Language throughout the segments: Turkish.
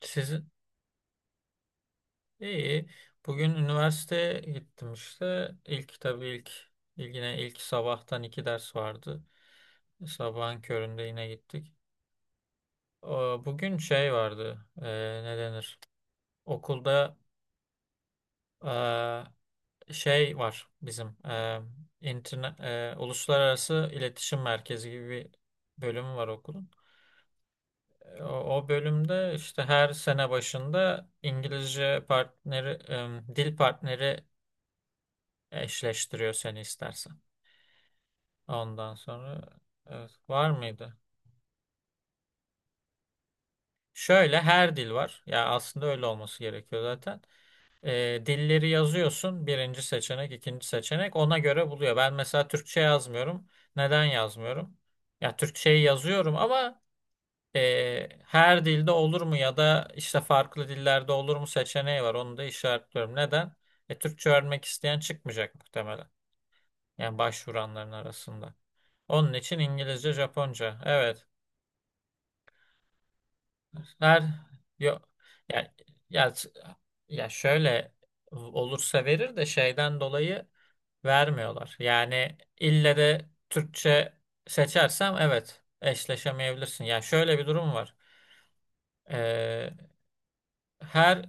Sizin iyi. Bugün üniversiteye gittim işte. İlk tabii ilk ilk yine ilk sabahtan iki ders vardı. Sabahın köründe yine gittik. O, bugün şey vardı. Ne denir? Okulda e, şey var bizim uluslararası iletişim merkezi gibi bir bölümü var okulun. E, O, o bölümde işte her sene başında İngilizce partneri, dil partneri eşleştiriyor seni istersen. Ondan sonra, evet, var mıydı? Şöyle her dil var. Ya aslında öyle olması gerekiyor zaten. Dilleri yazıyorsun. Birinci seçenek, ikinci seçenek ona göre buluyor. Ben mesela Türkçe yazmıyorum. Neden yazmıyorum? Ya Türkçeyi yazıyorum ama her dilde olur mu ya da işte farklı dillerde olur mu seçeneği var. Onu da işaretliyorum. Neden? Türkçe öğrenmek isteyen çıkmayacak muhtemelen. Yani başvuranların arasında. Onun için İngilizce, Japonca. Evet. Her, yok. Ya ya ya şöyle olursa verir de şeyden dolayı vermiyorlar. Yani ille de Türkçe seçersem evet eşleşemeyebilirsin. Ya şöyle bir durum var. Ee, her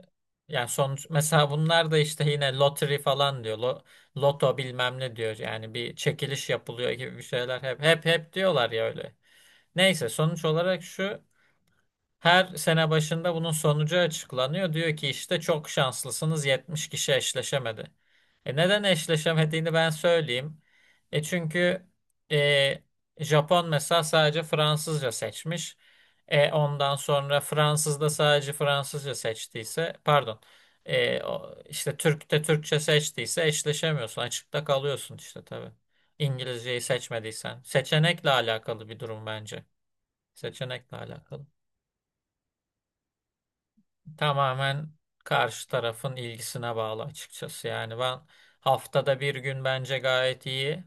yani sonuç, mesela bunlar da işte yine lottery falan diyor. Loto bilmem ne diyor. Yani bir çekiliş yapılıyor gibi bir şeyler hep diyorlar ya öyle. Neyse, sonuç olarak şu: her sene başında bunun sonucu açıklanıyor. Diyor ki işte çok şanslısınız. 70 kişi eşleşemedi. Neden eşleşemediğini ben söyleyeyim. Çünkü e, Japon mesela sadece Fransızca seçmiş. Ondan sonra Fransız da sadece Fransızca seçtiyse, pardon, işte Türk de Türkçe seçtiyse eşleşemiyorsun. Açıkta kalıyorsun işte tabii. İngilizceyi seçmediysen. Seçenekle alakalı bir durum bence. Seçenekle alakalı. Tamamen karşı tarafın ilgisine bağlı açıkçası. Yani ben haftada bir gün bence gayet iyi.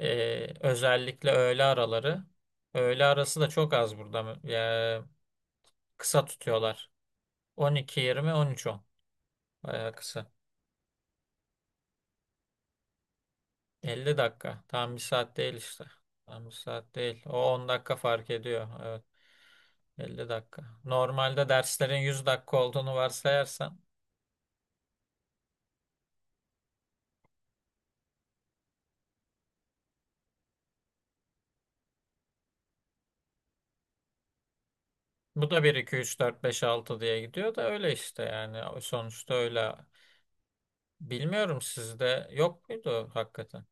Özellikle öğle araları. Öğle arası da çok az burada. Ya, kısa tutuyorlar. 12.20, 13.10. Bayağı kısa. 50 dakika. Tam bir saat değil işte. Tam bir saat değil. O 10 dakika fark ediyor. Evet. 50 dakika. Normalde derslerin 100 dakika olduğunu varsayarsan, bu da bir 2 3 4 5 6 diye gidiyor da öyle işte yani. Sonuçta öyle. Bilmiyorum sizde yok muydu hakikaten?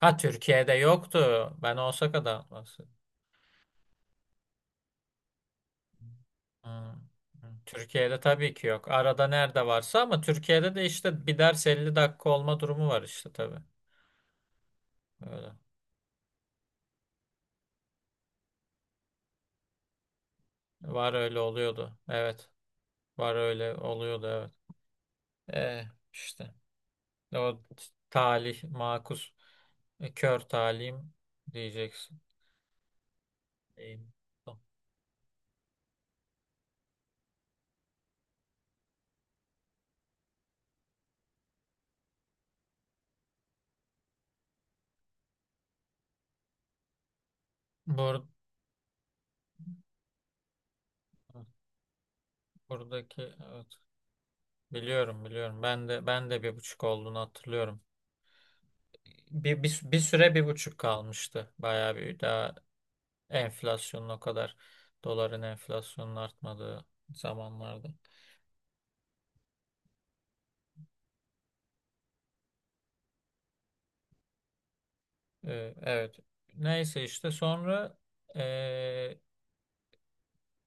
Ha, Türkiye'de yoktu. Ben Osaka'dan bahsediyorum. Hmm. Türkiye'de tabii ki yok. Arada nerede varsa ama Türkiye'de de işte bir ders 50 dakika olma durumu var işte tabii. Öyle. Var, öyle oluyordu. Evet. Var, öyle oluyordu, evet. Eh, işte o talih makus kör talihim diyeceksin. Değil. Tamam. Bur buradaki, evet, biliyorum, biliyorum. Ben de bir buçuk olduğunu hatırlıyorum. Bir süre bir buçuk kalmıştı. Bayağı bir daha, enflasyonun o kadar, doların enflasyonun artmadığı zamanlarda. Evet. Neyse, işte sonra.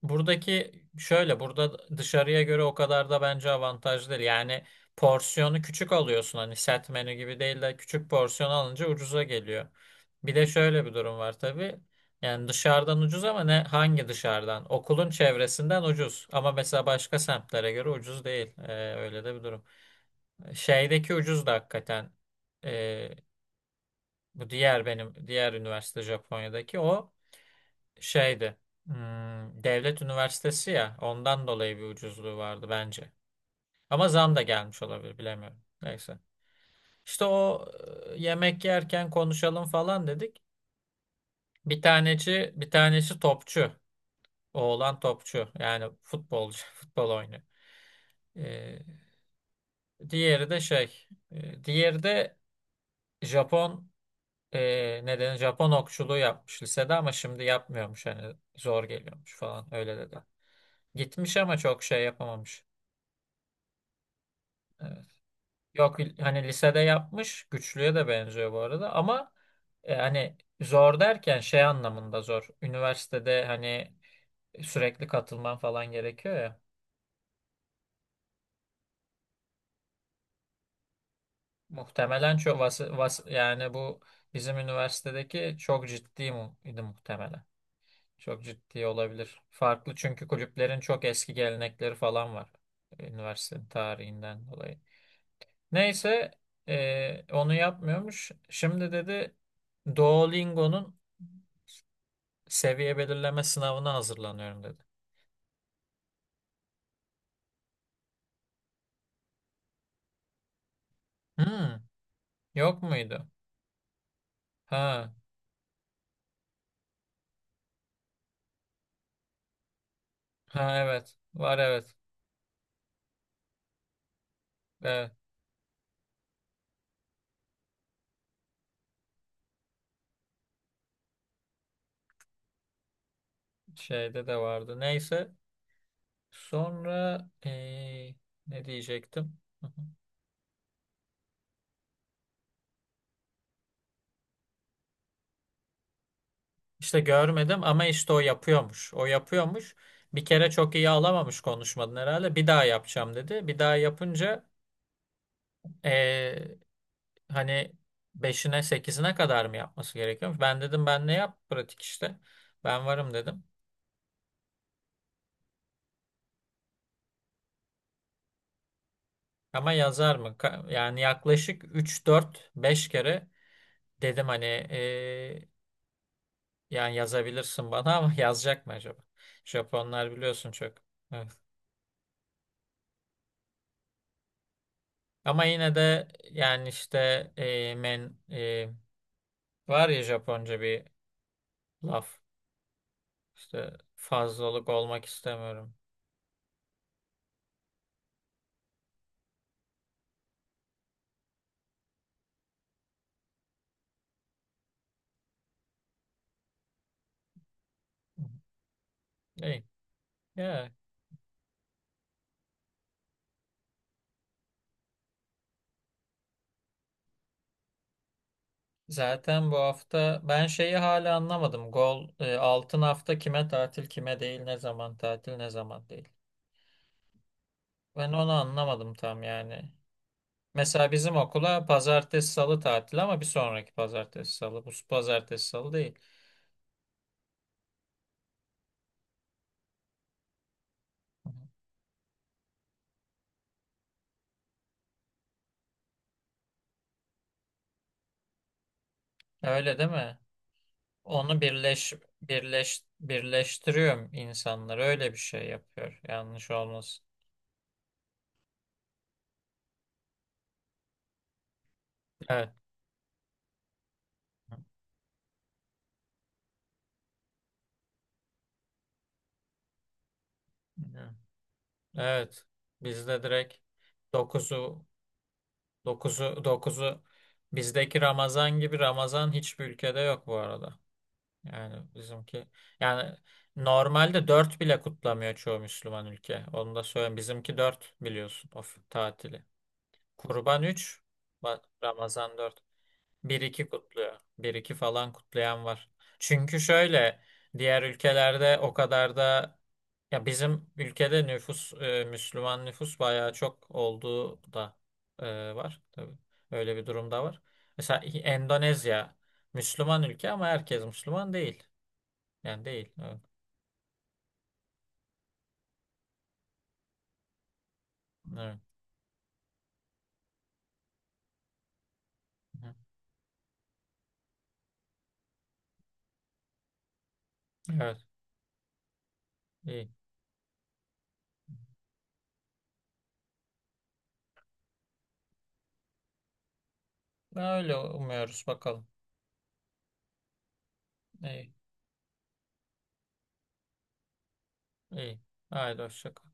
Buradaki şöyle: burada dışarıya göre o kadar da bence avantajlı değil. Yani porsiyonu küçük alıyorsun, hani set menü gibi değil de küçük porsiyon alınca ucuza geliyor. Bir de şöyle bir durum var tabii. Yani dışarıdan ucuz ama ne, hangi dışarıdan? Okulun çevresinden ucuz ama mesela başka semtlere göre ucuz değil. Öyle de bir durum. Şeydeki ucuz da hakikaten, ee, bu benim diğer üniversite Japonya'daki o şeydi. Devlet üniversitesi ya. Ondan dolayı bir ucuzluğu vardı bence. Ama zam da gelmiş olabilir, bilemiyorum. Neyse. İşte o, yemek yerken konuşalım falan dedik. Bir tanesi topçu. Oğlan topçu. Yani futbolcu, futbol oynuyor. E, Diğeri de şey, e, diğeri de Japon, e, nedeni Japon okçuluğu yapmış lisede ama şimdi yapmıyormuş, hani zor geliyormuş falan, öyle dedi. Gitmiş ama çok şey yapamamış. Yok, hani lisede yapmış, güçlüye de benziyor bu arada ama hani zor derken şey anlamında zor. Üniversitede hani sürekli katılman falan gerekiyor ya. Muhtemelen çok, vas, vas yani bu bizim üniversitedeki çok ciddi mu idi muhtemelen. Çok ciddi olabilir. Farklı çünkü kulüplerin çok eski gelenekleri falan var. Üniversitenin tarihinden dolayı. Neyse, onu yapmıyormuş. Şimdi dedi, Duolingo'nun seviye belirleme sınavına hazırlanıyorum, dedi. Hmm, Yok muydu? Ha, ha, evet. Var, evet. Evet, şeyde de vardı. Neyse. Sonra, eee, ne diyecektim? Hı hı. İşte görmedim ama işte o yapıyormuş. O yapıyormuş. Bir kere çok iyi alamamış konuşmadan herhalde. Bir daha yapacağım dedi. Bir daha yapınca eee, hani beşine sekizine kadar mı yapması gerekiyormuş? Ben dedim, ben ne yap, pratik işte. Ben varım dedim. Ama yazar mı? Yani yaklaşık 3 4 5 kere dedim, hani yani yazabilirsin bana ama yazacak mı acaba? Japonlar biliyorsun çok. Evet. Ama yine de yani işte men var ya Japonca bir laf. İşte fazlalık olmak istemiyorum. İyi. Ya, zaten bu hafta ben şeyi hala anlamadım. Gol altın hafta kime tatil, kime değil, ne zaman tatil, ne zaman değil. Ben onu anlamadım tam yani. Mesela bizim okula pazartesi salı tatil ama bir sonraki pazartesi salı. Bu pazartesi salı değil. Öyle değil mi? Onu birleştiriyorum insanları. Öyle bir şey yapıyor. Yanlış olmasın. Evet. Hı. Evet. Bizde direkt dokuzu dokuzu dokuzu, bizdeki Ramazan gibi Ramazan hiçbir ülkede yok bu arada. Yani bizimki, yani normalde 4 bile kutlamıyor çoğu Müslüman ülke. Onu da söyleyeyim. Bizimki dört, biliyorsun, of tatili. Kurban 3, Ramazan dört. Bir iki kutluyor. Bir iki falan kutlayan var. Çünkü şöyle, diğer ülkelerde o kadar da, ya bizim ülkede nüfus, Müslüman nüfus bayağı çok olduğu da var tabii. Öyle bir durum da var. Mesela Endonezya Müslüman ülke ama herkes Müslüman değil. Yani değil. Evet. Evet. Hı. Evet. İyi. Öyle umuyoruz bakalım. İyi. İyi. Haydi, hoşça kal.